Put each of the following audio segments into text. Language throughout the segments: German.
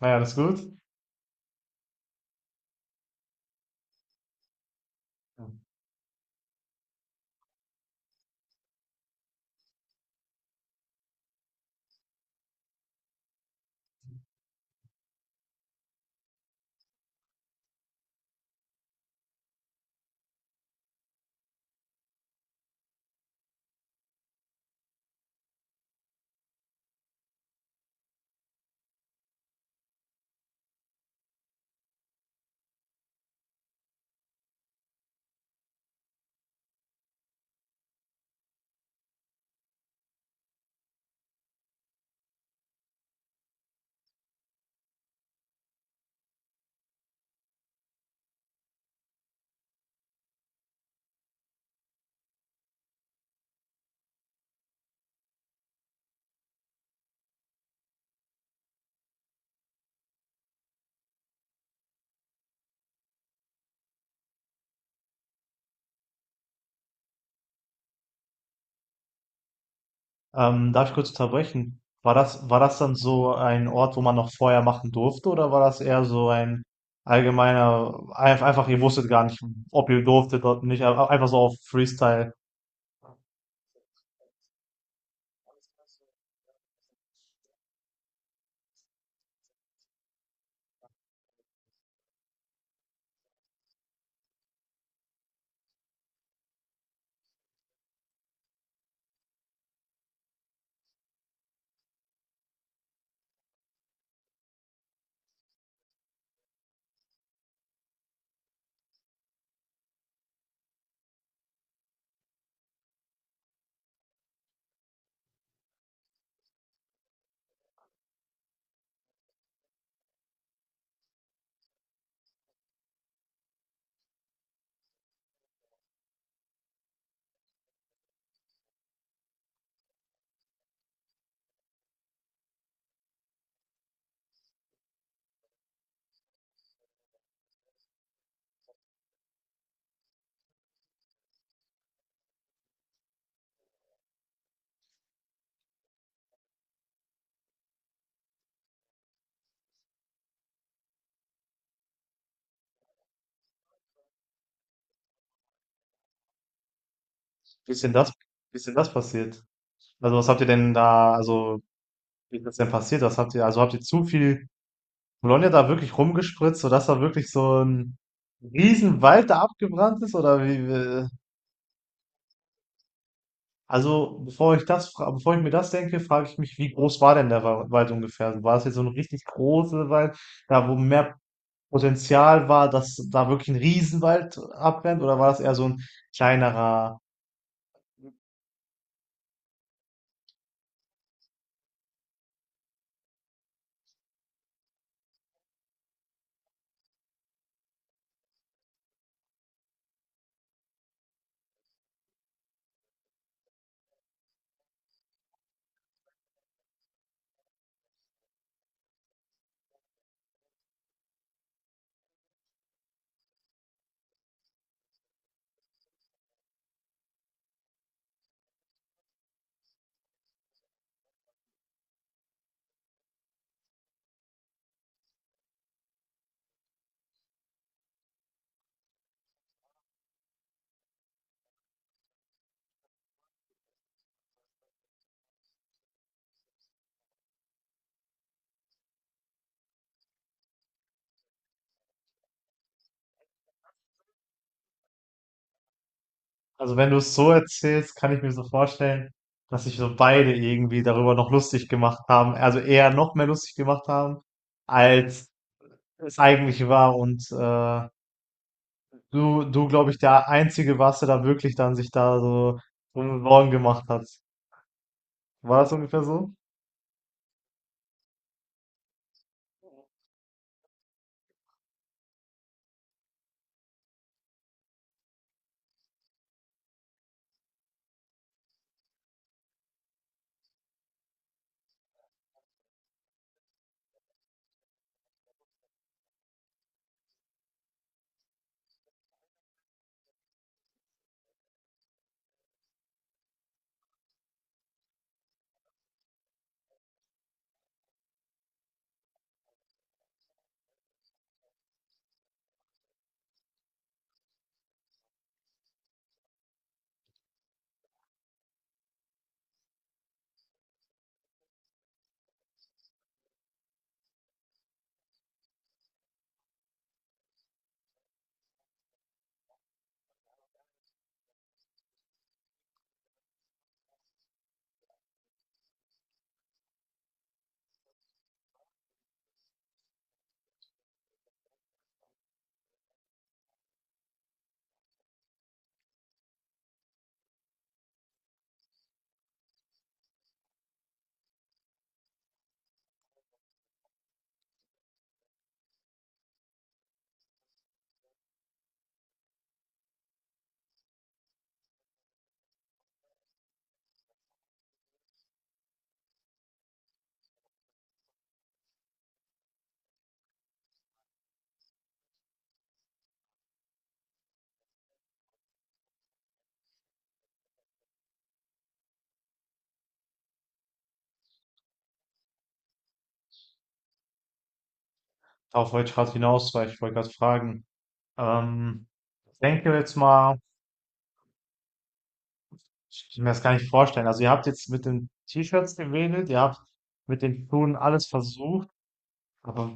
Ah ja, das ist gut. Darf ich kurz unterbrechen? War das dann so ein Ort, wo man noch vorher machen durfte, oder war das eher so ein allgemeiner, einfach, ihr wusstet gar nicht, ob ihr durftet oder nicht, aber einfach so auf Freestyle? Wie ist denn das, wie ist denn das passiert? Also was habt ihr denn da, also wie ist das denn passiert? Was habt ihr, also habt ihr zu viel Bologna da wirklich rumgespritzt, sodass da wirklich so ein Riesenwald da abgebrannt ist? Oder wie? Also, bevor ich mir das denke, frage ich mich, wie groß war denn der Wald ungefähr? Also, war das jetzt so ein richtig großer Wald, da wo mehr Potenzial war, dass da wirklich ein Riesenwald abbrennt, oder war das eher so ein kleinerer? Also, wenn du es so erzählst, kann ich mir so vorstellen, dass sich so beide irgendwie darüber noch lustig gemacht haben, also eher noch mehr lustig gemacht haben, als es eigentlich war. Und glaube ich, der Einzige warst, der da wirklich dann sich da so Sorgen gemacht hat. War das ungefähr so? Darauf wollte ich gerade hinaus, weil ich wollte gerade fragen. Ähm, Ich denke jetzt mal, ich kann mir das gar nicht vorstellen. Also ihr habt jetzt mit den T-Shirts gewedelt, ihr habt mit den Schuhen alles versucht, aber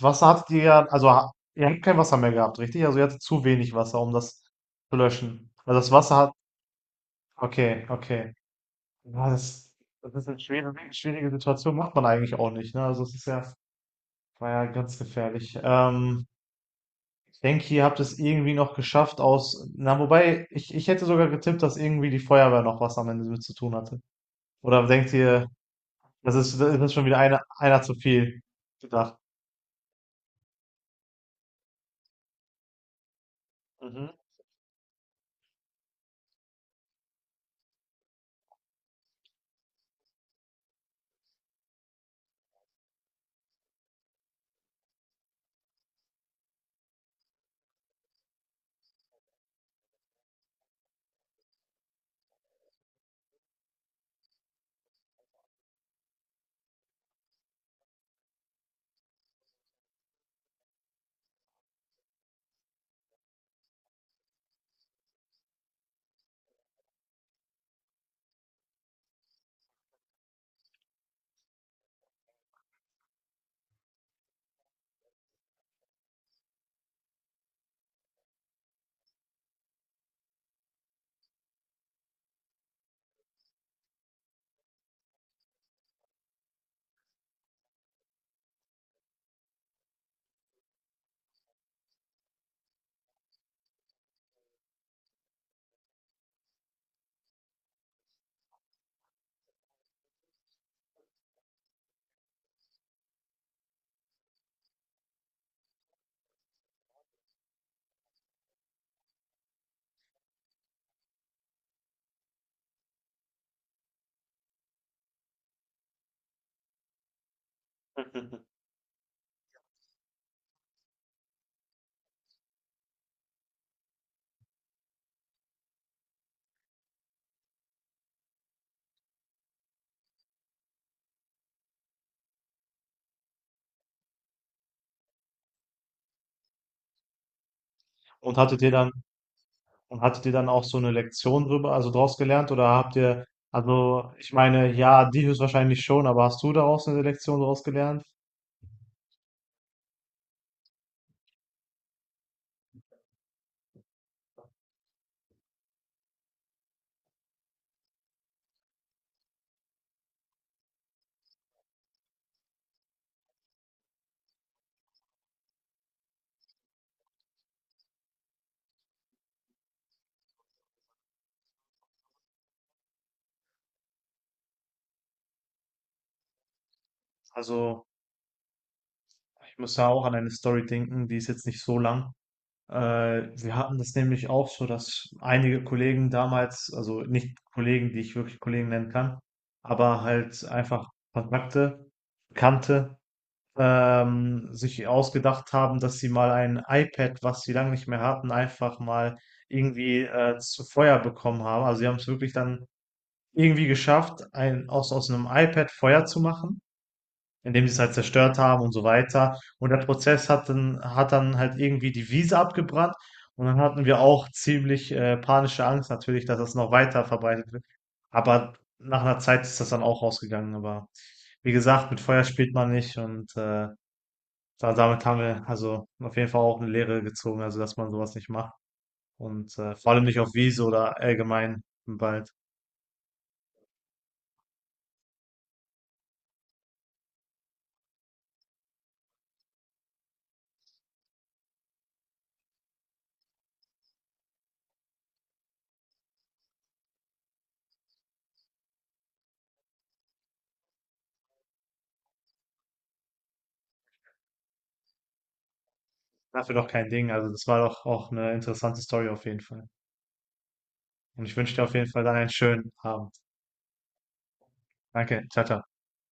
Wasser hattet ihr ja, also ihr habt kein Wasser mehr gehabt, richtig? Also ihr hattet zu wenig Wasser, um das zu löschen. Also das Wasser hat, okay, okay. Ja, das, das ist eine schwierige Situation, macht man eigentlich auch nicht, ne? Also es ist ja, war ja ganz gefährlich. Ich denke, ihr habt es irgendwie noch geschafft aus. Na, wobei, ich hätte sogar getippt, dass irgendwie die Feuerwehr noch was am Ende mit zu tun hatte. Oder denkt ihr, das ist schon wieder einer zu viel gedacht? Mhm. Und hattet ihr dann, und hattet ihr dann auch so eine Lektion drüber, also draus gelernt? Oder habt ihr, also ich meine, ja, die höchstwahrscheinlich schon, aber hast du daraus eine Lektion draus gelernt? Also, ich muss ja auch an eine Story denken, die ist jetzt nicht so lang. Wir hatten das nämlich auch so, dass einige Kollegen damals, also nicht Kollegen, die ich wirklich Kollegen nennen kann, aber halt einfach Kontakte, Bekannte, sich ausgedacht haben, dass sie mal ein iPad, was sie lange nicht mehr hatten, einfach mal irgendwie zu Feuer bekommen haben. Also sie haben es wirklich dann irgendwie geschafft, aus einem iPad Feuer zu machen, indem sie es halt zerstört haben und so weiter. Und der Prozess hat hat dann halt irgendwie die Wiese abgebrannt. Und dann hatten wir auch ziemlich panische Angst natürlich, dass das noch weiter verbreitet wird. Aber nach einer Zeit ist das dann auch rausgegangen. Aber wie gesagt, mit Feuer spielt man nicht. Und da, damit haben wir also auf jeden Fall auch eine Lehre gezogen, also dass man sowas nicht macht. Und vor allem nicht auf Wiese oder allgemein im Wald. Dafür doch kein Ding. Also das war doch auch eine interessante Story auf jeden Fall. Und ich wünsche dir auf jeden Fall dann einen schönen Abend. Danke. Ciao, ciao.